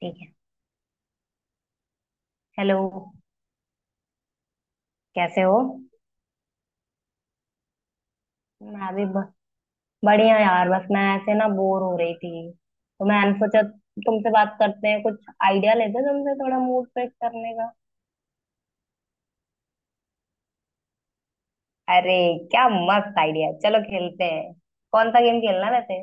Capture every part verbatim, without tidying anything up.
ठीक है। हेलो। कैसे हो? मैं भी ब- बढ़िया यार। बस मैं ऐसे ना बोर हो रही थी तो मैंने सोचा तुमसे बात करते हैं कुछ, आइडिया लेते हैं तुमसे, थोड़ा मूड फ्रेश करने का। अरे, क्या मस्त आइडिया है। चलो खेलते हैं। कौन सा गेम खेलना है वैसे?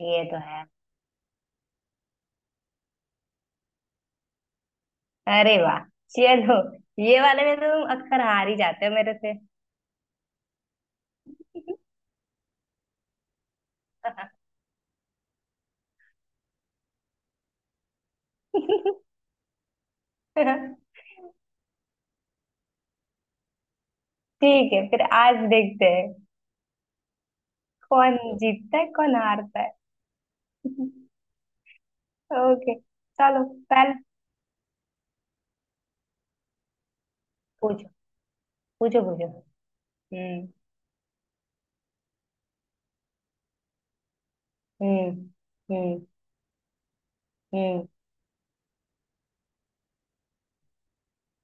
ये तो है। अरे वाह, चलो। ये वाले में तो तुम अक्सर हार ही जाते हो मेरे से। ठीक है, फिर आज देखते हैं कौन जीतता है, कौन हारता है। ओके, चलो पहले। पूछो, पूछो। पूछो। हम्म। हम्म। हम्म। हम्म।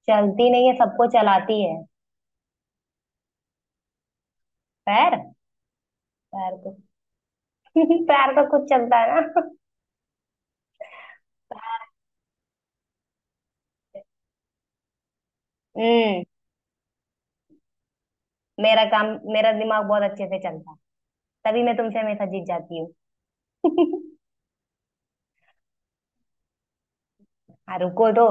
चलती नहीं है, सबको चलाती है? पैर। पैर को। पैर तो खुद चलता है ना। हम्म। मेरा काम मेरा दिमाग बहुत अच्छे से चलता है। तभी मैं तुमसे हमेशा जीत जाती हूँ। हाँ, रुको तो।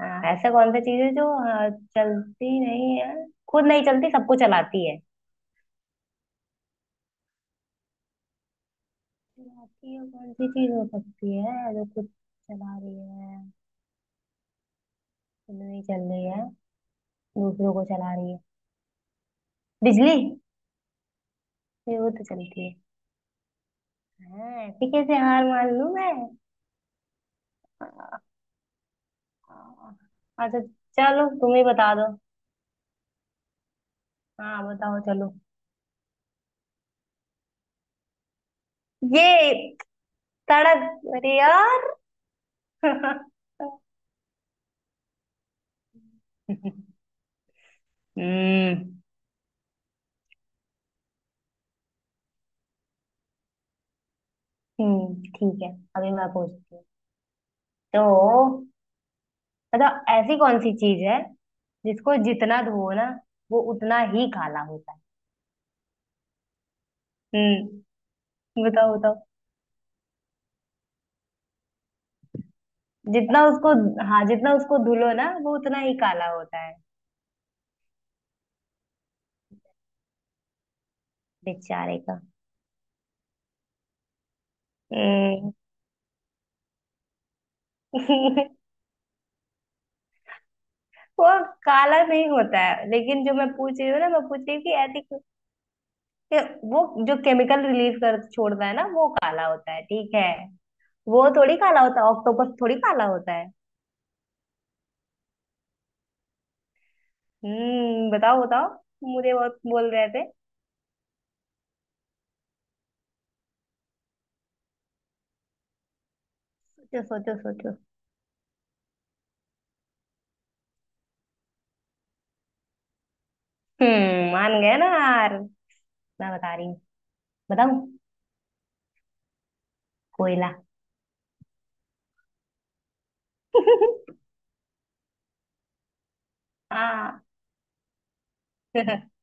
हाँ, ऐसा कौन सा चीज है जो, हाँ, चलती नहीं है, खुद नहीं चलती, सबको चलाती है। चलाती है, कौन सी चीज हो सकती है जो खुद चला रही है, खुद नहीं चल रही है, दूसरों को चला रही है? बिजली। ये वो तो चलती है। हाँ, ऐसे कैसे हार मान लूं मैं? अच्छा, चलो तुम ही बता दो। हाँ बताओ, चलो। ये? तड़क? अरे यार। हम्म। हम्म, ठीक है। अभी मैं पूछती हूँ। तो मतलब, ऐसी कौन सी चीज है जिसको जितना धो ना, वो उतना ही काला होता है? हम्म, बताओ, बताओ। जितना उसको हाँ, जितना उसको धुलो ना, वो उतना ही काला होता है। बेचारे का। हम्म। वो काला नहीं होता है, लेकिन जो मैं पूछ रही हूँ ना, मैं पूछ रही हूँ कि ऐसी। वो जो केमिकल रिलीज कर छोड़ता है ना, वो काला होता है, ठीक है। वो थोड़ी काला होता है, ऑक्टोपस थोड़ी काला होता है। हम्म, बताओ, बताओ। मुझे बहुत बोल रहे थे। सोचो, सोचो, सोचो। हम्म, मान गए ना यार। मैं बता रही हूँ। बताऊँ? कोयला। हाँ।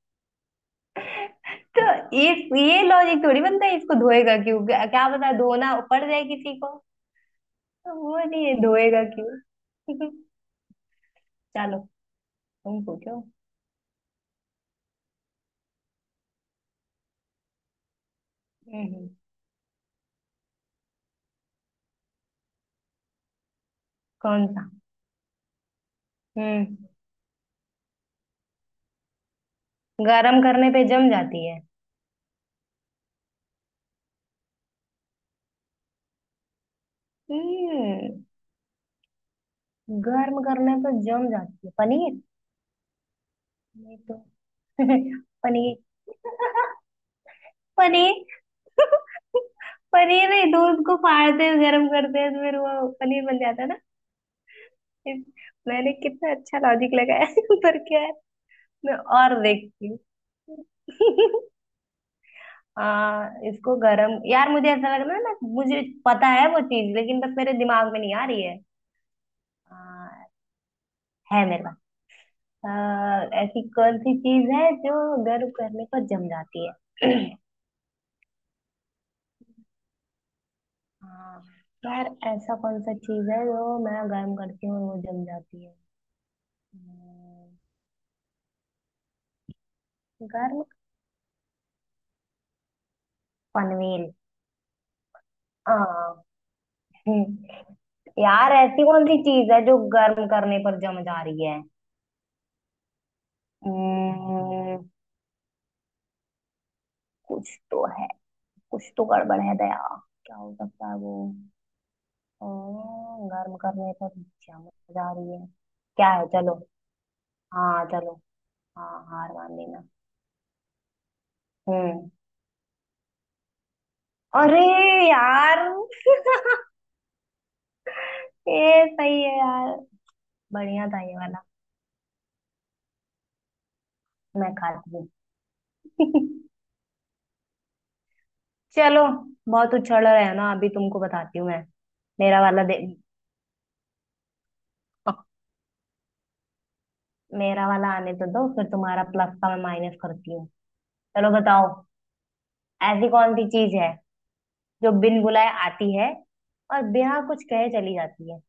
तो इस ये लॉजिक थोड़ी बनता है, इसको धोएगा क्यों? क्या क्या पता धोना पड़ जाए किसी को, तो वो नहीं धोएगा क्यों? चलो, तुम पूछो। हम्म। कौन सा? हम्म। गर्म करने पे जम जाती है? हम्म, गर्म करने पे जम जाती है। पनीर। नहीं तो? पनीर। पनीर। पनीर नहीं, दूध को फाड़ते हैं, गर्म करते हैं तो फिर वो पनीर बन जाता है ना। इस- मैंने कितना अच्छा लॉजिक लगाया। पर क्या है। मैं और देखती हूँ। हाँ, इसको गरम यार, मुझे ऐसा लग रहा है ना, मुझे पता है वो चीज, लेकिन बस मेरे दिमाग में नहीं आ रही है। हाँ, है मेरे पास। अ, ऐसी कौन सी चीज है जो गर्म करने पर जम जाती है? हाँ, यार ऐसा कौन सा चीज है जो मैं गर्म करती हूँ और वो जम जाती है? हम्म, गर्म पनवेल? हाँ। हम्म, यार ऐसी कौन सी चीज है जो गर्म करने पर जम जा रही है? हम्म, कुछ तो है। कुछ तो गड़बड़ है, दया। क्या हो सकता है वो? ओ, गर्म करने पर जमच जा रही है। क्या है, चलो? हाँ, चलो। हाँ, हार मान लेना। हम्म। अरे यार! ये सही है यार। बढ़िया था ये वाला। मैं खाती हूँ। चलो। बहुत उछल रहे है ना, अभी तुमको बताती हूँ मैं। मेरा वाला दे मेरा वाला आने तो दो, फिर तुम्हारा प्लस का मैं माइनस करती हूँ। चलो, बताओ। ऐसी कौन सी चीज है जो बिन बुलाए आती है और बिना कुछ कहे चली जाती है?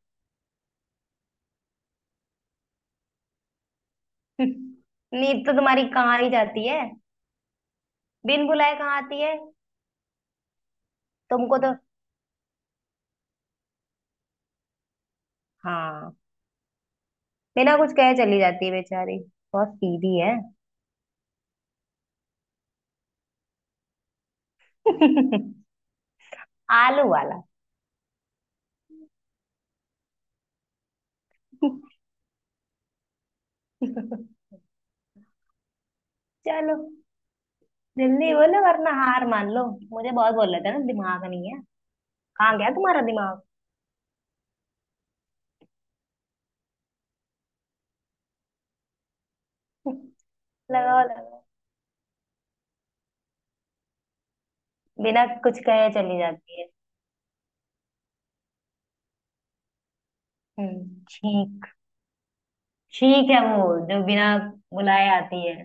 नींद तो तुम्हारी कहाँ ही जाती है। बिन बुलाए कहाँ आती है? तुमको तो। हाँ, बिना कुछ कहे चली जाती है बेचारी। बहुत सीधी है। आलू वाला। चलो। जल्दी बोलो वरना हार मान लो। मुझे बहुत बोल रहे थे ना, दिमाग नहीं है। कहाँ गया तुम्हारा दिमाग? लगाओ, लगाओ। बिना कुछ कहे चली जाती है। हम्म, छींक। छींक है वो, जो बिना बुलाए आती है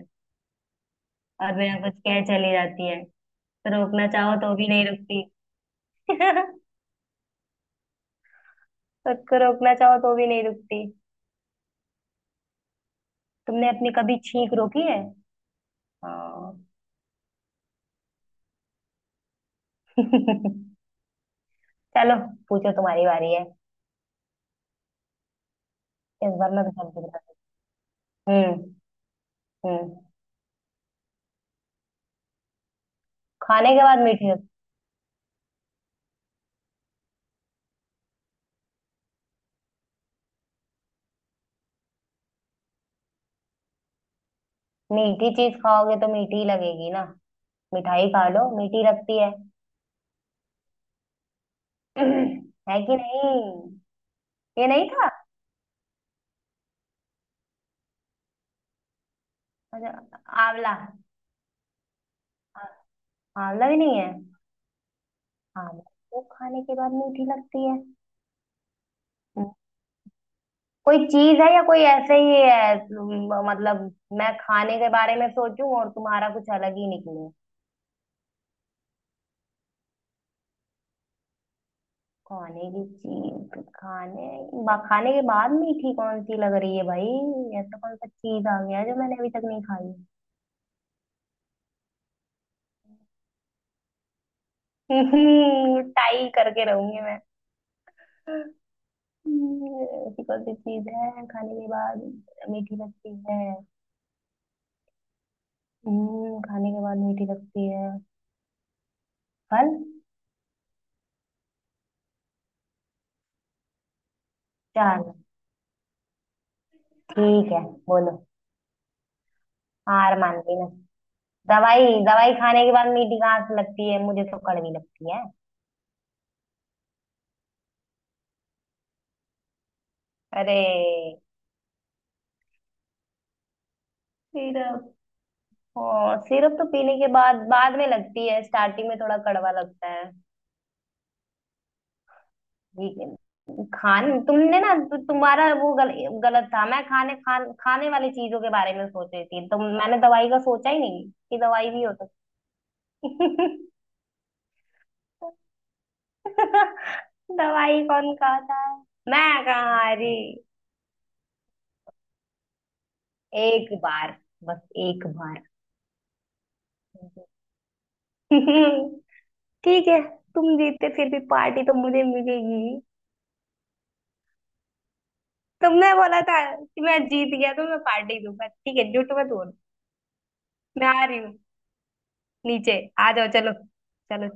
और बिना कुछ कहे चली जाती है। तो रोकना चाहो तो भी नहीं रुकती। खुद को रोकना चाहो तो भी नहीं रुकती। तुमने अपनी कभी छींक रोकी है? हाँ। चलो, पूछो तुम्हारी बारी है। इस बार मैं तुमसे पूछता हूँ। हम्म। हम्म, खाने के बाद मीठी? मीठी चीज खाओगे तो मीठी ही लगेगी ना। मिठाई खा लो, मीठी लगती है। है कि नहीं? ये नहीं था? अच्छा। आंवला। आ- आंवला भी नहीं है? आंवला तो खाने के बाद मीठी लगती है? कोई चीज है या कोई ऐसे ही है, म- मतलब, मैं खाने के बारे में सोचूं और तुम्हारा कुछ अलग ही निकले। खाने की चीज, खाने बा- खाने के बाद मीठी कौन सी लग रही है भाई? ऐसा कौन सा चीज आ गया जो मैंने अभी तक नहीं खाई? टाई करके रहूंगी मैं। हम्म, ऐसी कौन सी चीज है खाने के बाद मीठी लगती है? हम्म, खाने के बाद मीठी लगती है। फल? चार। ठीक है, बोलो। हार मान ली मैं। दवाई? दवाई खाने के बाद मीठी कहाँ से लगती है? मुझे तो कड़वी लगती है। अरे। सिरप? ओ, सिरप तो पीने के बाद, बाद में लगती है, स्टार्टिंग में थोड़ा कड़वा लगता है। ये खान तुमने ना तु, तुम्हारा वो गल, गलत था। मैं खाने खान खाने वाली चीजों के बारे में सोच रही थी, तो मैंने दवाई का सोचा ही नहीं कि दवाई भी हो सकती। दवाई कौन खाता है? मैं कहा, अरे। एक बार, बस एक बार। ठीक है। तुम जीते, फिर भी पार्टी तो मुझे मिलेगी। तुमने बोला था कि मैं जीत गया तो मैं पार्टी दूंगा, ठीक है, झूठ मत बोलो। मैं आ रही हूँ नीचे। आ जाओ, चलो। चलो।